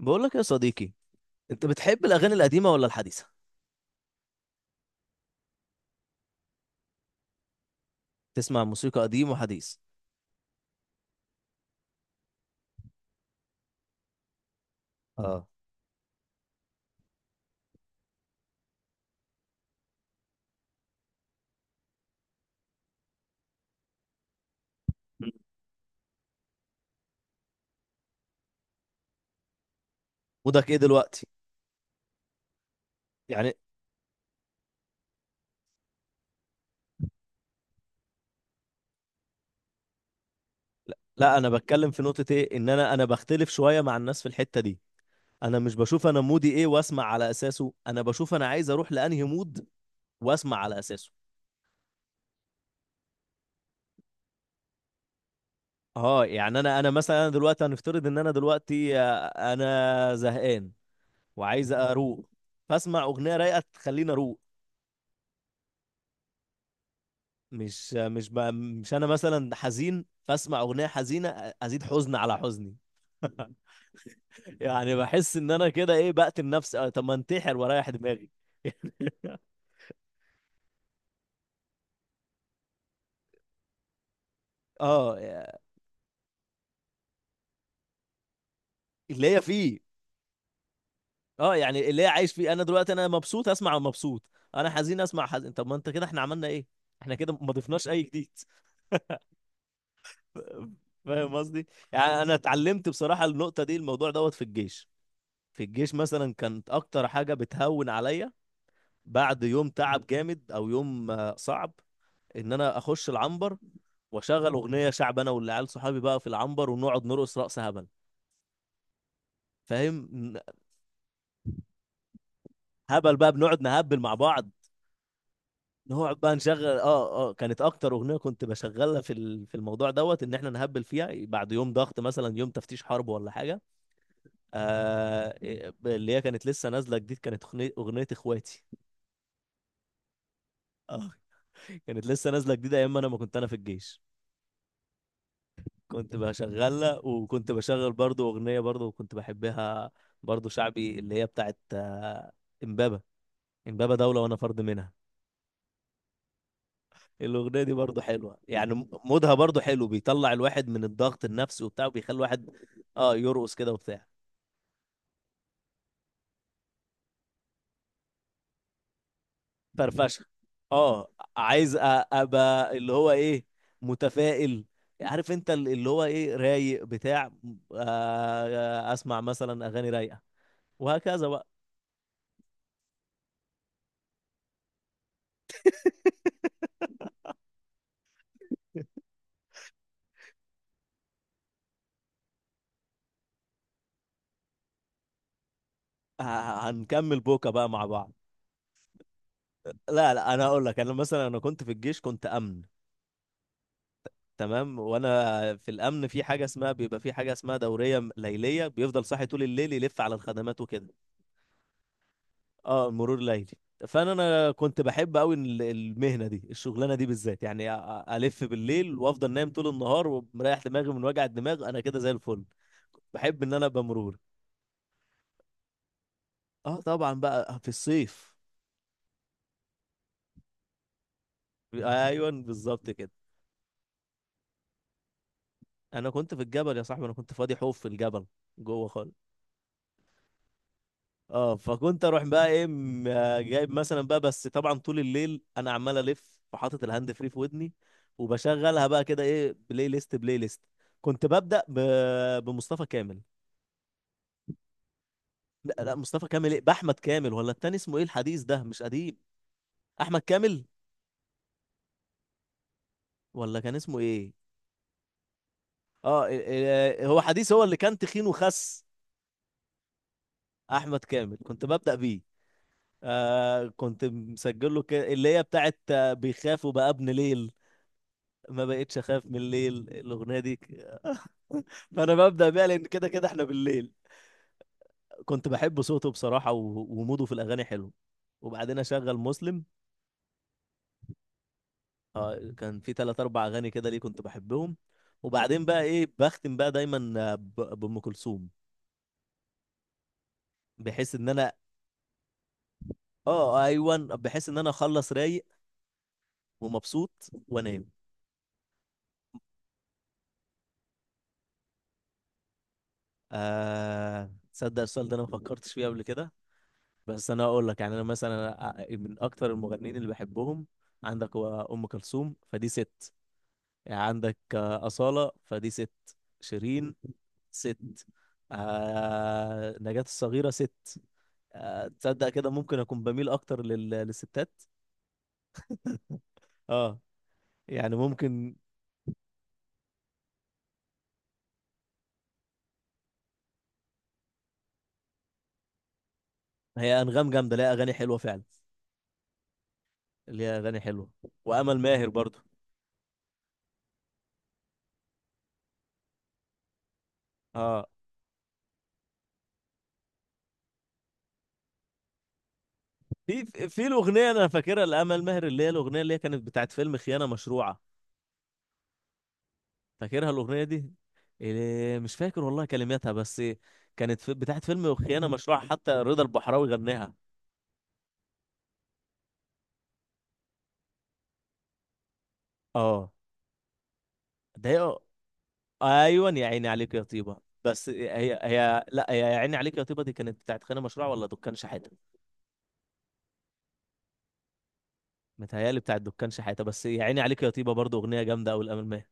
بقول لك يا صديقي، انت بتحب الاغاني القديمه ولا الحديثه؟ تسمع موسيقى قديم وحديث؟ اه. مودك ايه دلوقتي؟ يعني. لا، لا، انا بتكلم في نقطه ايه ان انا بختلف شويه مع الناس في الحته دي. انا مش بشوف انا مودي ايه واسمع على اساسه، انا بشوف انا عايز اروح لانهي مود واسمع على اساسه. اه يعني انا مثلا انا دلوقتي هنفترض ان انا دلوقتي انا زهقان وعايز اروق، فاسمع اغنيه رايقه تخليني اروق. مش مش ب... مش انا مثلا حزين فاسمع اغنيه حزينه ازيد حزن على حزني. يعني بحس ان انا كده ايه بقتل نفسي. طب ما انتحر واريح دماغي. اه. اللي هي فيه. اه يعني اللي هي عايش فيه، انا دلوقتي انا مبسوط اسمع مبسوط، انا حزين اسمع حزين. طب ما انت كده احنا عملنا ايه؟ احنا كده ما ضفناش اي جديد. فاهم قصدي؟ يعني انا اتعلمت بصراحه النقطه دي، الموضوع دوت في الجيش. في الجيش مثلا كانت اكتر حاجه بتهون عليا بعد يوم تعب جامد او يوم صعب، ان انا اخش العنبر واشغل اغنيه شعب، انا والعيال صحابي بقى في العنبر ونقعد نرقص رقص هبل. فاهم؟ هبل بقى بنقعد نهبل مع بعض، نقعد بقى نشغل. اه كانت اكتر اغنيه كنت بشغلها في الموضوع دوت ان احنا نهبل فيها بعد يوم ضغط، مثلا يوم تفتيش حرب ولا حاجه. آه إيه، اللي هي كانت لسه نازله جديد، كانت اغنيه اخواتي. اه. كانت لسه نازله جديده ايام ما انا ما كنت انا في الجيش، كنت بشغلها، وكنت بشغل برضو أغنية برضو كنت بحبها، برضو شعبي، اللي هي بتاعت إمبابة. إمبابة دولة وأنا فرد منها. الأغنية دي برضو حلوة، يعني مودها برضو حلو، بيطلع الواحد من الضغط النفسي وبتاع، وبيخلي الواحد اه يرقص كده وبتاع. فرفشة. اه. عايز أبقى اللي هو إيه، متفائل. عارف انت، اللي هو ايه، رايق، بتاع، اسمع مثلا اغاني رايقه، وهكذا بقى. هنكمل بوكا بقى مع بعض. لا لا، انا اقول لك، انا مثلا انا كنت في الجيش، كنت امن. تمام، وانا في الامن في حاجه اسمها، بيبقى في حاجه اسمها دوريه ليليه، بيفضل صاحي طول الليل يلف على الخدمات وكده. اه، مرور ليلي. فانا كنت بحب قوي المهنه دي الشغلانه دي بالذات، يعني الف بالليل وافضل نايم طول النهار ومريح دماغي من وجع الدماغ، انا كده زي الفل. بحب ان انا ابقى مرور. اه طبعا بقى في الصيف. ايوه بالظبط كده. انا كنت في الجبل يا صاحبي، انا كنت فاضي حوف في الجبل، جوه خالص. اه، فكنت اروح بقى ايه جايب مثلا بقى، بس طبعا طول الليل انا عمال الف، وحاطط الهاند فري في ودني وبشغلها بقى، كده ايه، بلاي ليست بلاي ليست. كنت ببدأ بمصطفى كامل. لا لا، مصطفى كامل ايه، باحمد كامل، ولا التاني اسمه ايه؟ الحديث ده مش قديم، احمد كامل، ولا كان اسمه ايه؟ اه إيه- إيه، هو حديث، هو اللي كان تخين وخس. احمد كامل كنت ببدأ بيه. آه كنت مسجل له اللي هي بتاعت بيخاف وبقى ابن ليل، ما بقتش اخاف من الليل، الاغنيه دي فانا ببدا بيها لان كده كده احنا بالليل. كنت بحب صوته بصراحه و- وموده في الاغاني حلو. وبعدين اشغل مسلم. اه كان في ثلاث اربع اغاني كده ليه كنت بحبهم. وبعدين بقى ايه بختم بقى دايما بام كلثوم، بحيث ان انا اه ايوه، بحيث ان انا اخلص رايق ومبسوط وانام. تصدق السؤال ده انا ما فكرتش فيه قبل كده. بس انا اقول لك، يعني انا مثلا من اكتر المغنيين اللي بحبهم عندك، هو ام كلثوم فدي ست، يعني عندك اصاله فدي ست، شيرين ست، نجاة الصغيره ست. تصدق كده ممكن اكون بميل اكتر للستات. اه يعني ممكن. هي انغام جامده، ليها اغاني حلوه فعلا، ليها اغاني حلوه، وامل ماهر برضو. اه، في في الاغنيه انا فاكرها لامل ماهر، اللي هي الاغنيه اللي هي كانت بتاعت فيلم خيانه مشروعه، فاكرها الاغنيه دي. مش فاكر والله كلماتها بس، كانت في بتاعت فيلم وخيانه مشروع، حتى رضا البحراوي غناها. اه. ده هي- ايوه يا عيني عليك يا طيبه، بس هي هي لا هي يا عيني عليك يا طيبه دي كانت بتاعت خيانه مشروع ولا دكان شحاته؟ متهيالي بتاعت دكان شحاته، بس يا عيني عليك يا طيبه برضو اغنيه جامده قوي الامل ماهر.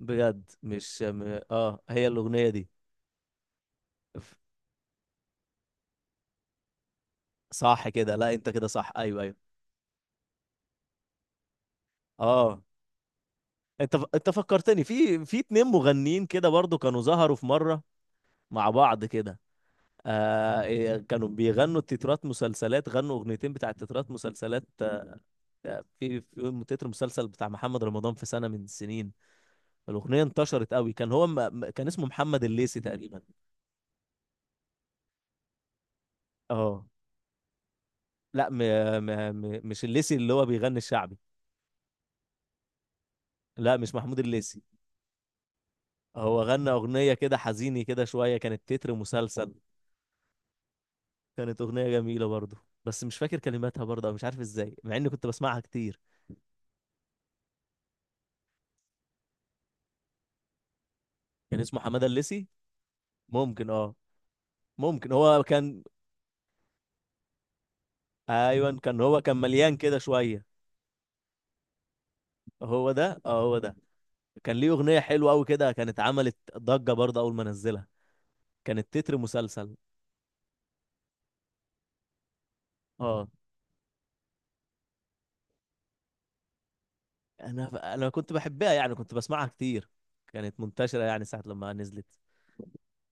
بجد مش م... اه هي الاغنيه دي. ف- صح كده، لا انت كده صح، ايوه ايوه. اه انت انت فكرتني في اتنين مغنيين كده برضو كانوا ظهروا في مره مع بعض كده. آه إيه، كانوا بيغنوا تترات مسلسلات، غنوا اغنيتين بتاع تترات مسلسلات. في تتر مسلسل بتاع محمد رمضان في سنة من السنين، الأغنية انتشرت قوي، كان هو كان اسمه محمد الليثي تقريبا. اه لا م... مش الليثي اللي هو بيغني الشعبي، لا مش محمود الليثي. هو غنى أغنية كده حزيني كده شوية، كانت تتر مسلسل، كانت أغنية جميلة برضه، بس مش فاكر كلماتها برضه، أو مش عارف ازاي مع اني كنت بسمعها كتير. كان اسمه حمادة الليثي. ممكن اه، ممكن هو كان. ايوه كان، هو كان مليان كده شويه. هو ده اه هو ده، كان ليه اغنيه حلوه قوي كده، كانت عملت ضجه برضه اول ما نزلها، كانت تتر مسلسل. اه، انا كنت بحبها يعني، كنت بسمعها كتير، كانت منتشره يعني ساعه لما نزلت.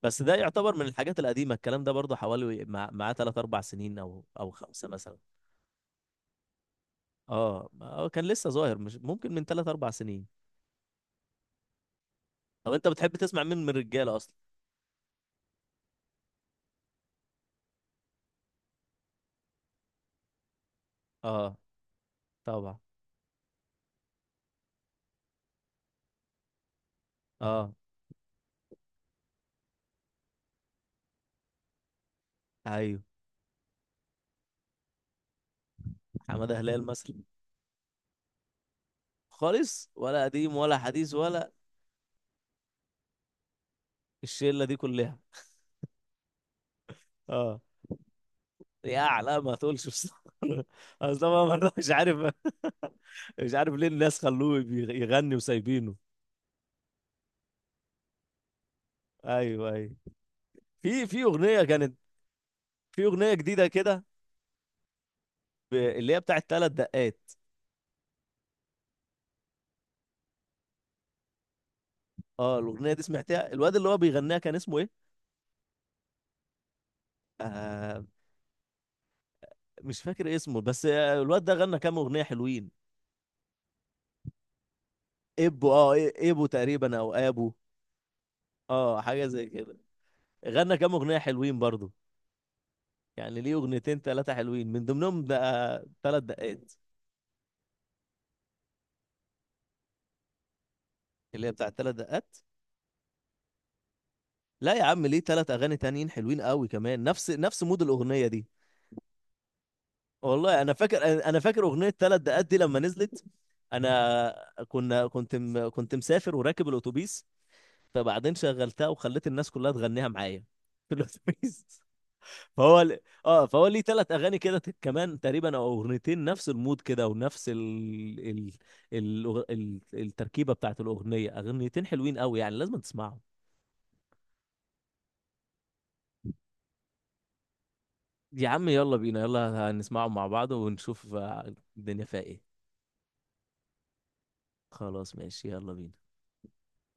بس ده يعتبر من الحاجات القديمه، الكلام ده برضه حوالي معاه 3 4 سنين او خمسه مثلا. اه هو كان لسه ظاهر، مش ممكن من 3 4 سنين. طب انت بتحب تسمع مين من الرجاله اصلا؟ اه. طبعا. اه ايوه، حماده هلال مثلا. خالص، ولا قديم ولا حديث ولا؟ الشله دي كلها. اه. يا لا ما تقولش بصراحة. اصل أنا مرة مش عارف. مش عارف ليه الناس خلوه يغني وسايبينه. ايوه ايوه. في اغنيه كانت، في اغنيه جديده كده، اللي هي بتاعت ثلاث دقات. اه الاغنيه دي سمعتها، الواد اللي هو بيغنيها كان اسمه ايه؟ آه مش فاكر اسمه، بس الواد ده غنى كام اغنيه حلوين. ابو ابو تقريبا او ابو. اه حاجه زي كده. غنى كام اغنيه حلوين برضو، يعني ليه اغنيتين ثلاثه حلوين من ضمنهم بقى ثلاث دقات، اللي هي بتاع ثلاث دقات. لا يا عم ليه ثلاث اغاني تانيين حلوين قوي كمان، نفس نفس مود الاغنيه دي. والله انا فاكر، اغنيه ثلاث دقات دي لما نزلت، انا، كنت كنت مسافر وراكب الاتوبيس، فبعدين شغلتها وخليت الناس كلها تغنيها معايا في الاتوبيس. فهو ل... اه فهو ليه ثلاث اغاني كده كمان تقريبا، او اغنيتين نفس المود كده، ونفس ال... ال... التركيبه بتاعت الاغنيه، اغنيتين حلوين قوي يعني لازم تسمعهم. يا عم يلا بينا، يلا هنسمعهم مع بعض ونشوف الدنيا فيها ايه. خلاص ماشي يلا بينا.